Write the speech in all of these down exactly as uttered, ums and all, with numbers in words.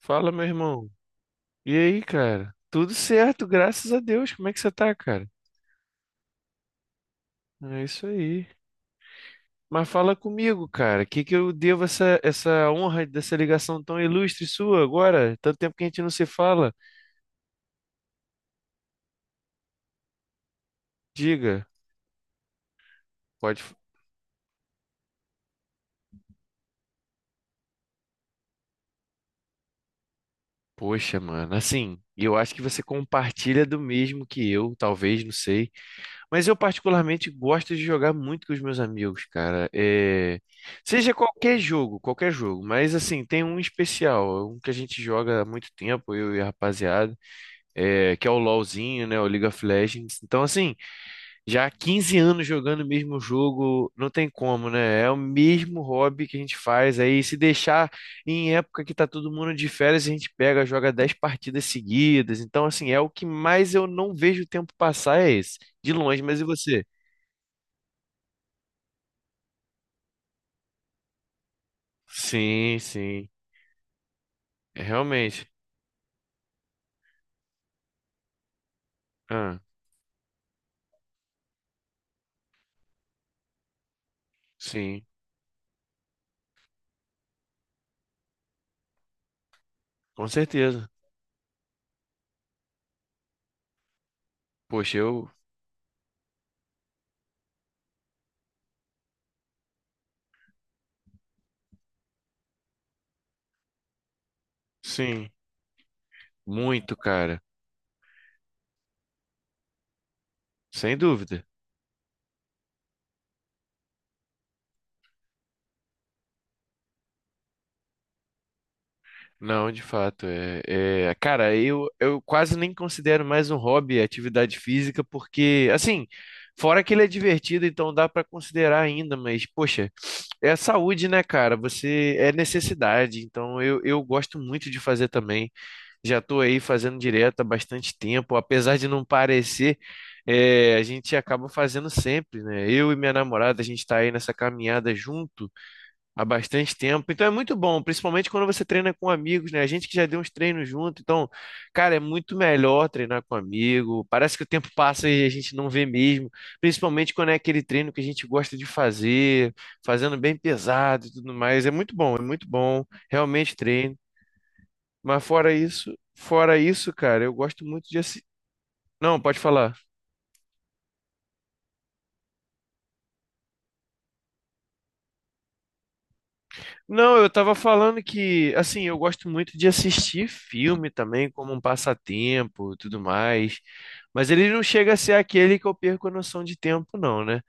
Fala, meu irmão. E aí, cara? Tudo certo, graças a Deus. Como é que você tá, cara? É isso aí. Mas fala comigo, cara. O que que eu devo essa, essa honra dessa ligação tão ilustre sua agora? Tanto tempo que a gente não se fala. Diga. Pode. Poxa, mano. Assim, eu acho que você compartilha do mesmo que eu, talvez, não sei. Mas eu particularmente gosto de jogar muito com os meus amigos, cara. É, Seja qualquer jogo, qualquer jogo, mas assim, tem um especial, um que a gente joga há muito tempo, eu e a rapaziada, é, que é o LoLzinho, né, o League of Legends. Então, assim, já há quinze anos jogando o mesmo jogo, não tem como, né? É o mesmo hobby que a gente faz aí, se deixar em época que tá todo mundo de férias, a gente pega, joga dez partidas seguidas. Então, assim, é o que mais eu não vejo o tempo passar é esse. De longe, mas e você? Sim, sim. É, realmente. Ah, sim, com certeza. Poxa, eu. Sim, muito, cara. Sem dúvida. Não, de fato. É, é, cara, eu, eu quase nem considero mais um hobby a atividade física, porque, assim, fora que ele é divertido, então dá pra considerar ainda, mas, poxa, é a saúde, né, cara? Você é necessidade, então eu, eu gosto muito de fazer também. Já estou aí fazendo direto há bastante tempo, apesar de não parecer, eh, a gente acaba fazendo sempre, né? Eu e minha namorada, a gente está aí nessa caminhada junto há bastante tempo, então é muito bom, principalmente quando você treina com amigos, né? A gente que já deu uns treinos junto, então, cara, é muito melhor treinar com amigo. Parece que o tempo passa e a gente não vê mesmo, principalmente quando é aquele treino que a gente gosta de fazer, fazendo bem pesado e tudo mais. É muito bom, é muito bom, realmente treino. Mas fora isso, fora isso, cara, eu gosto muito de assistir. Não, pode falar. Não, eu tava falando que, assim, eu gosto muito de assistir filme também, como um passatempo e tudo mais. Mas ele não chega a ser aquele que eu perco a noção de tempo, não, né?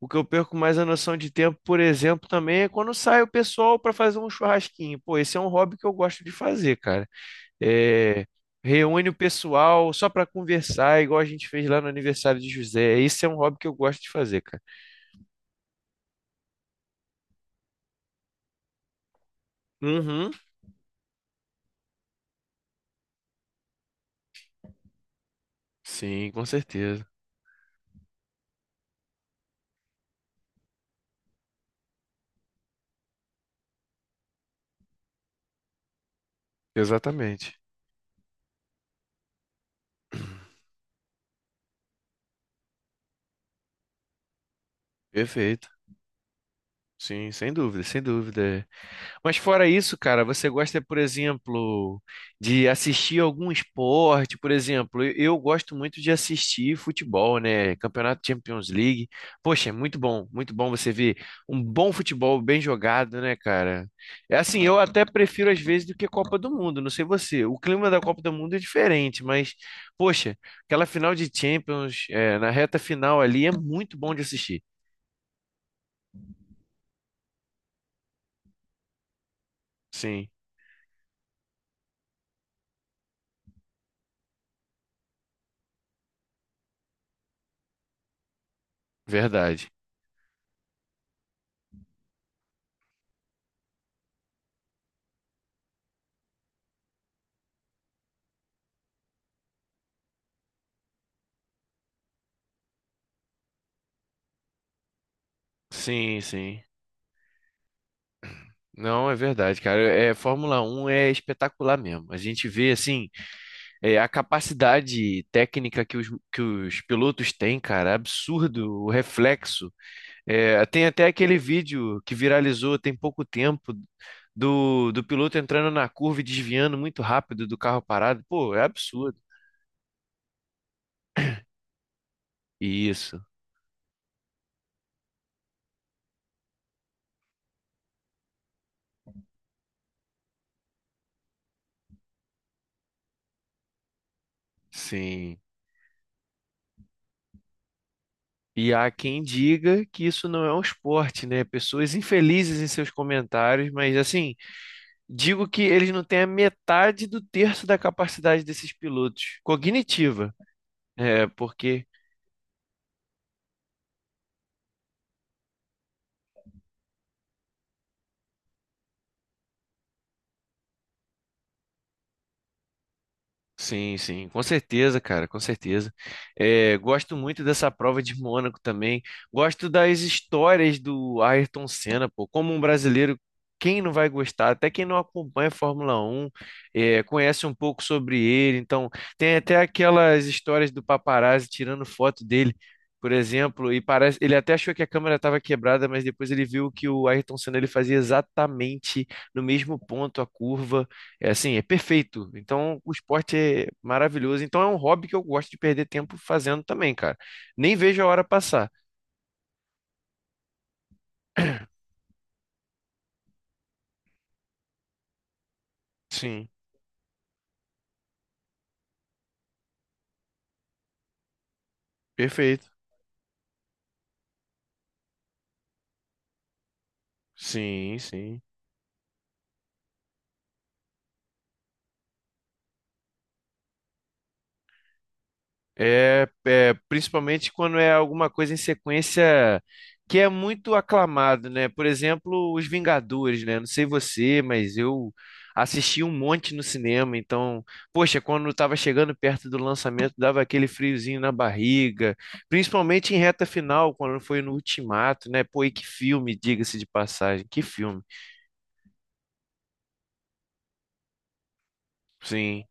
O que eu perco mais a noção de tempo, por exemplo, também é quando sai o pessoal pra fazer um churrasquinho. Pô, esse é um hobby que eu gosto de fazer, cara. É, reúne o pessoal só pra conversar, igual a gente fez lá no aniversário de José. Esse é um hobby que eu gosto de fazer, cara. Uhum. Sim, com certeza. Exatamente. Perfeito. Sim, sem dúvida, sem dúvida. Mas fora isso, cara, você gosta, por exemplo, de assistir algum esporte? Por exemplo, eu eu gosto muito de assistir futebol, né? Campeonato Champions League. Poxa, é muito bom, muito bom você ver um bom futebol bem jogado, né, cara? É assim, eu até prefiro às vezes do que Copa do Mundo, não sei você. O clima da Copa do Mundo é diferente, mas, poxa, aquela final de Champions, é, na reta final ali é muito bom de assistir. Sim, verdade. Sim, sim. Não, é verdade, cara. É, Fórmula Um é espetacular mesmo. A gente vê, assim, é, a capacidade técnica que os, que os pilotos têm, cara, é absurdo, o reflexo. É, tem até aquele vídeo que viralizou tem pouco tempo do, do piloto entrando na curva e desviando muito rápido do carro parado. Pô, é absurdo. Isso, sim. E há quem diga que isso não é um esporte, né? Pessoas infelizes em seus comentários, mas assim. Digo que eles não têm a metade do terço da capacidade desses pilotos cognitiva, é, porque sim, sim, com certeza, cara, com certeza. É, gosto muito dessa prova de Mônaco também. Gosto das histórias do Ayrton Senna, pô. Como um brasileiro, quem não vai gostar? Até quem não acompanha a Fórmula Um é, conhece um pouco sobre ele. Então, tem até aquelas histórias do paparazzi tirando foto dele, por exemplo. E parece, ele até achou que a câmera estava quebrada, mas depois ele viu que o Ayrton Senna ele fazia exatamente no mesmo ponto a curva é assim, é perfeito. Então, o esporte é maravilhoso. Então, é um hobby que eu gosto de perder tempo fazendo também, cara. Nem vejo a hora passar. Sim, perfeito. Sim, sim. É, é, principalmente quando é alguma coisa em sequência que é muito aclamado, né? Por exemplo, Os Vingadores, né? Não sei você, mas eu assisti um monte no cinema, então, poxa, quando estava chegando perto do lançamento, dava aquele friozinho na barriga, principalmente em reta final, quando foi no Ultimato, né? Pô, e que filme, diga-se de passagem, que filme. Sim.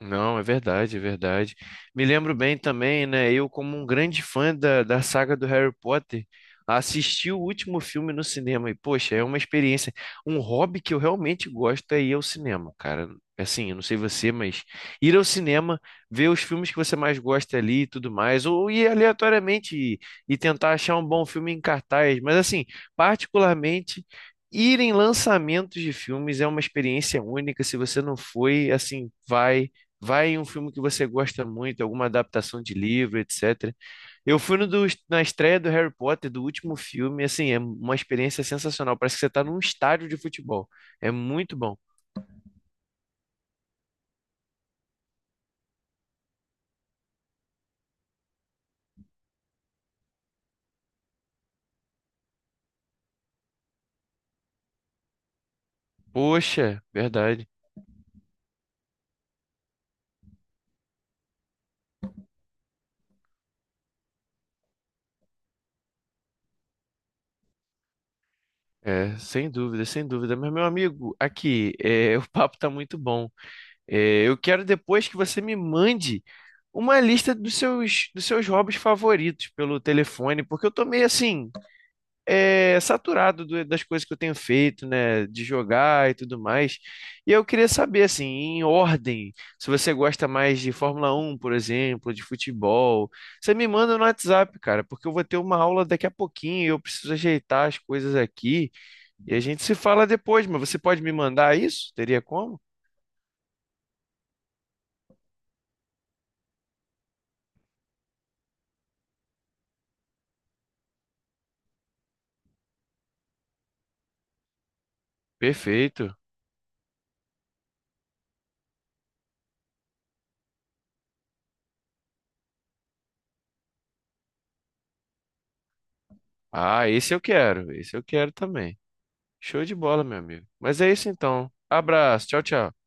Não, é verdade, é verdade. Me lembro bem também, né? Eu, como um grande fã da, da saga do Harry Potter, assisti o último filme no cinema e, poxa, é uma experiência. Um hobby que eu realmente gosto é ir ao cinema, cara. Assim, eu não sei você, mas ir ao cinema, ver os filmes que você mais gosta ali e tudo mais, ou ir aleatoriamente e, e tentar achar um bom filme em cartaz. Mas, assim, particularmente. Ir em lançamentos de filmes é uma experiência única. Se você não foi, assim, vai. Vai em um filme que você gosta muito, alguma adaptação de livro, etcétera. Eu fui no do- na estreia do Harry Potter, do último filme, assim, é uma experiência sensacional. Parece que você está num estádio de futebol. É muito bom. Poxa, verdade. É, sem dúvida, sem dúvida. Mas, meu amigo, aqui, é, o papo tá muito bom. É, eu quero depois que você me mande uma lista dos seus, dos seus hobbies favoritos pelo telefone, porque eu tô meio assim. É, saturado do- das coisas que eu tenho feito, né, de jogar e tudo mais. E eu queria saber, assim, em ordem, se você gosta mais de Fórmula Um, por exemplo, de futebol, você me manda no WhatsApp, cara, porque eu vou ter uma aula daqui a pouquinho e eu preciso ajeitar as coisas aqui e a gente se fala depois, mas você pode me mandar isso? Teria como? Perfeito. Ah, esse eu quero, esse eu quero também. Show de bola, meu amigo. Mas é isso então. Abraço, tchau, tchau.